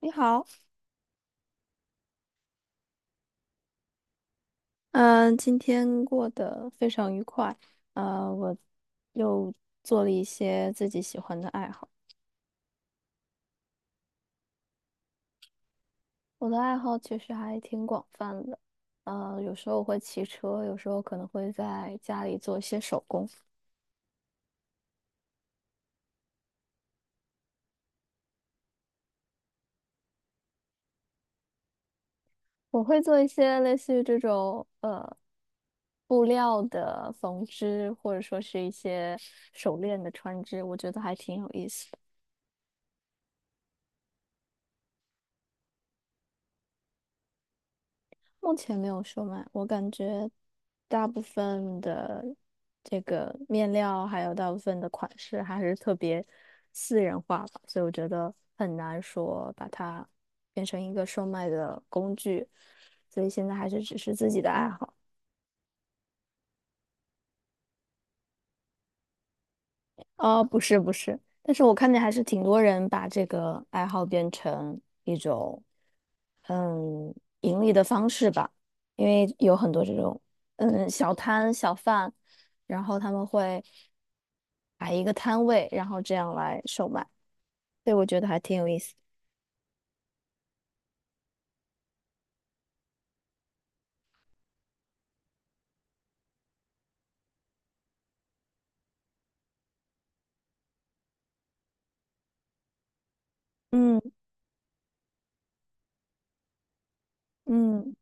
你好。嗯、今天过得非常愉快，我又做了一些自己喜欢的爱好。我的爱好其实还挺广泛的，有时候我会骑车，有时候可能会在家里做一些手工。我会做一些类似于这种布料的缝制，或者说是一些手链的穿织，我觉得还挺有意思的。目前没有售卖，我感觉大部分的这个面料，还有大部分的款式还是特别私人化吧，所以我觉得很难说把它变成一个售卖的工具，所以现在还是只是自己的爱好。哦，不是不是，但是我看见还是挺多人把这个爱好变成一种盈利的方式吧，因为有很多这种小摊小贩，然后他们会摆一个摊位，然后这样来售卖，所以我觉得还挺有意思。嗯嗯。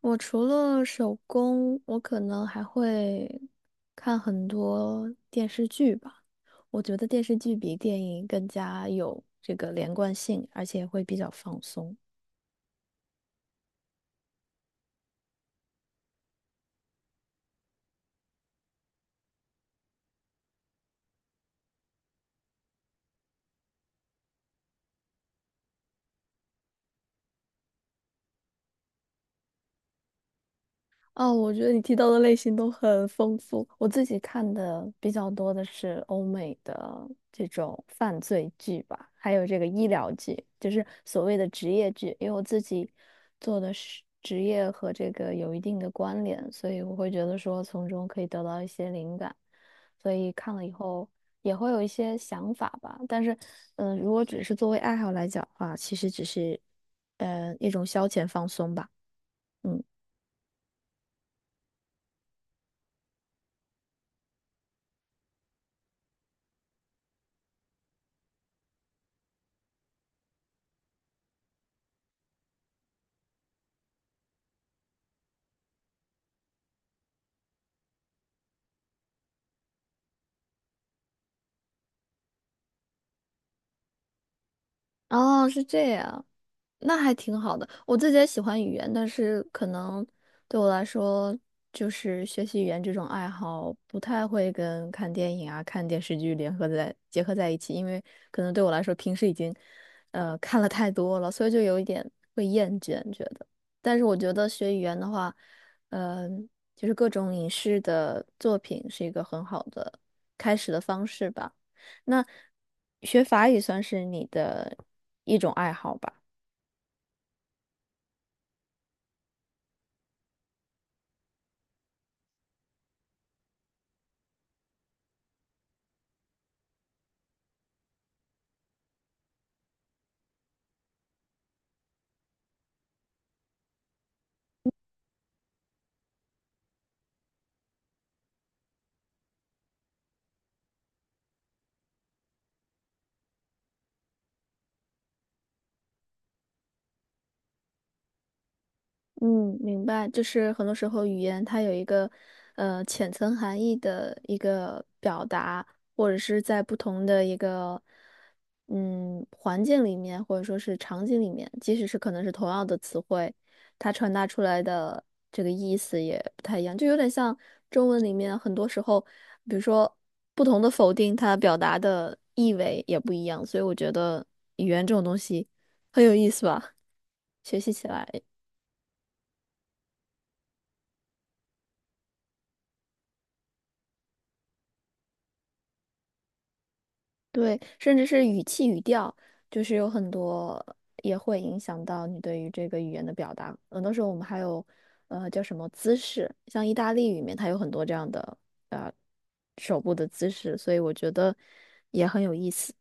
我除了手工，我可能还会看很多电视剧吧。我觉得电视剧比电影更加有这个连贯性，而且会比较放松。哦，我觉得你提到的类型都很丰富。我自己看的比较多的是欧美的这种犯罪剧吧，还有这个医疗剧，就是所谓的职业剧。因为我自己做的是职业和这个有一定的关联，所以我会觉得说从中可以得到一些灵感，所以看了以后也会有一些想法吧。但是，如果只是作为爱好来讲的话，其实只是一种消遣放松吧。嗯。哦，是这样。那还挺好的。我自己也喜欢语言，但是可能对我来说，就是学习语言这种爱好不太会跟看电影啊、看电视剧联合在结合在一起，因为可能对我来说平时已经看了太多了，所以就有一点会厌倦觉得。但是我觉得学语言的话，嗯、就是各种影视的作品是一个很好的开始的方式吧。那学法语算是你的一种爱好吧？嗯，明白，就是很多时候语言它有一个浅层含义的一个表达，或者是在不同的一个环境里面，或者说是场景里面，即使是可能是同样的词汇，它传达出来的这个意思也不太一样，就有点像中文里面很多时候，比如说不同的否定，它表达的意味也不一样，所以我觉得语言这种东西很有意思吧，学习起来。对，甚至是语气语调，就是有很多也会影响到你对于这个语言的表达。很多时候我们还有，叫什么姿势，像意大利语里面它有很多这样的呃手部的姿势，所以我觉得也很有意思。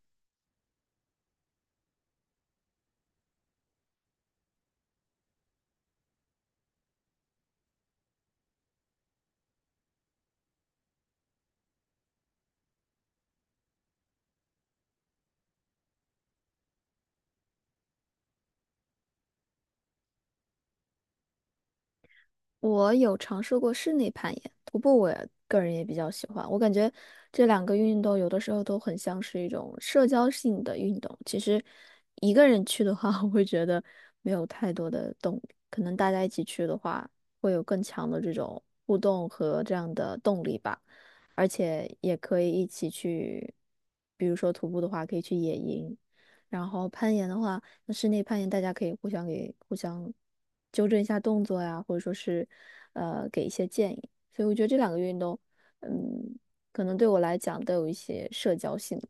我有尝试过室内攀岩，徒步我也个人也比较喜欢。我感觉这两个运动有的时候都很像是一种社交性的运动。其实一个人去的话，我会觉得没有太多的动力。可能大家一起去的话，会有更强的这种互动和这样的动力吧。而且也可以一起去，比如说徒步的话，可以去野营，然后攀岩的话，那室内攀岩大家可以互相给互相纠正一下动作呀，或者说是给一些建议。所以我觉得这两个运动，嗯，可能对我来讲都有一些社交性。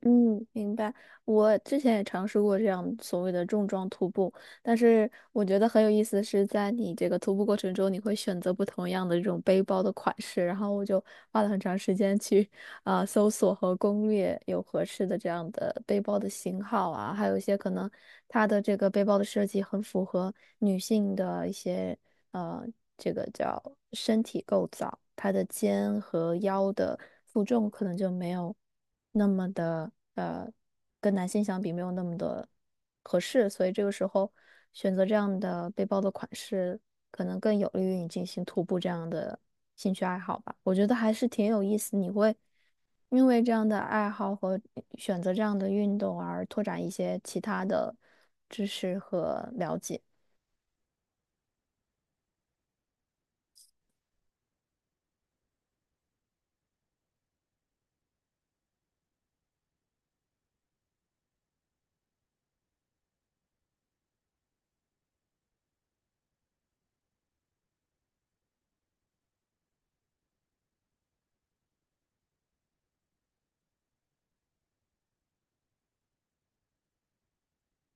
嗯，明白。我之前也尝试过这样所谓的重装徒步，但是我觉得很有意思的是，在你这个徒步过程中，你会选择不同样的这种背包的款式，然后我就花了很长时间去搜索和攻略有合适的这样的背包的型号啊，还有一些可能它的这个背包的设计很符合女性的一些呃，这个叫身体构造，他的肩和腰的负重可能就没有那么的跟男性相比没有那么的合适，所以这个时候选择这样的背包的款式，可能更有利于你进行徒步这样的兴趣爱好吧。我觉得还是挺有意思，你会因为这样的爱好和选择这样的运动而拓展一些其他的知识和了解。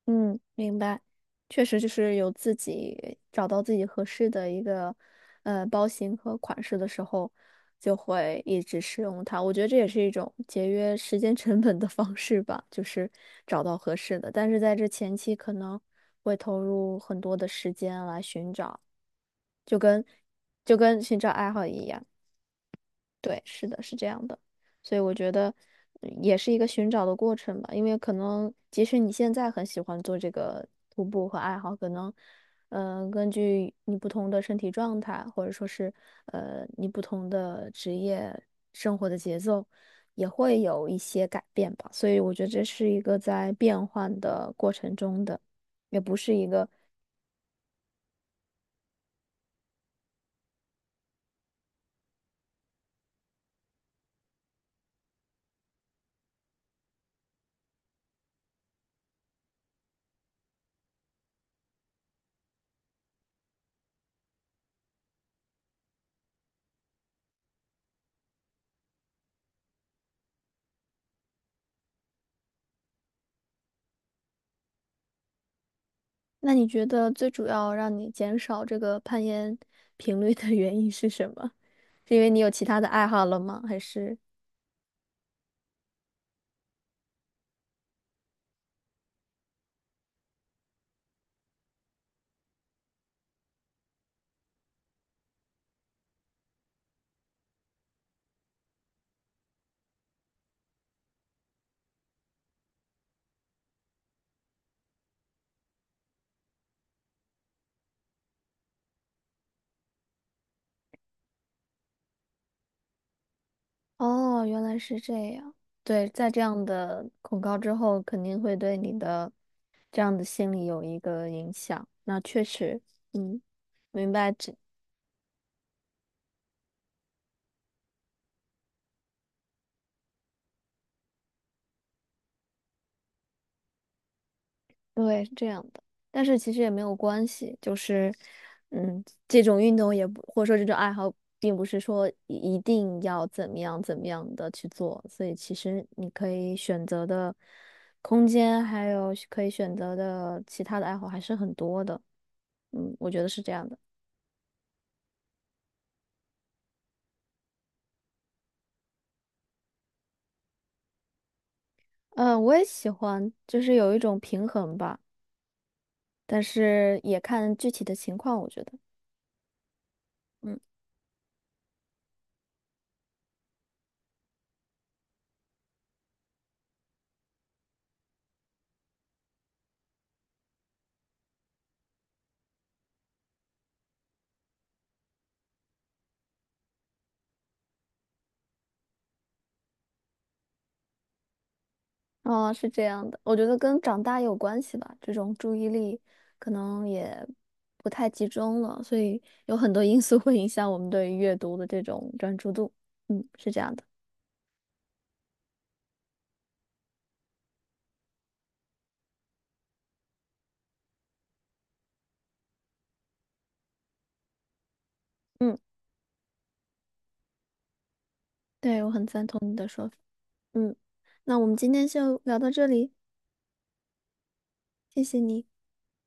嗯，明白，确实就是有自己找到自己合适的一个包型和款式的时候，就会一直使用它。我觉得这也是一种节约时间成本的方式吧，就是找到合适的。但是在这前期可能会投入很多的时间来寻找，就跟就跟寻找爱好一样。对，是的，是这样的，所以我觉得也是一个寻找的过程吧，因为可能即使你现在很喜欢做这个徒步和爱好，可能，根据你不同的身体状态，或者说是你不同的职业生活的节奏，也会有一些改变吧，所以我觉得这是一个在变换的过程中的，也不是一个。那你觉得最主要让你减少这个攀岩频率的原因是什么？是因为你有其他的爱好了吗？还是？哦，原来是这样。对，在这样的恐高之后，肯定会对你的这样的心理有一个影响。那确实，嗯，明白。对，是这样的，但是其实也没有关系，就是，嗯，这种运动也不，或者说这种爱好，并不是说一定要怎么样怎么样的去做，所以其实你可以选择的空间，还有可以选择的其他的爱好还是很多的，嗯，我觉得是这样的。嗯，我也喜欢，就是有一种平衡吧，但是也看具体的情况，我觉得。嗯。哦，是这样的，我觉得跟长大有关系吧，这种注意力可能也不太集中了，所以有很多因素会影响我们对于阅读的这种专注度。嗯，是这样的。嗯，对，我很赞同你的说法。嗯，那我们今天就聊到这里，谢谢你。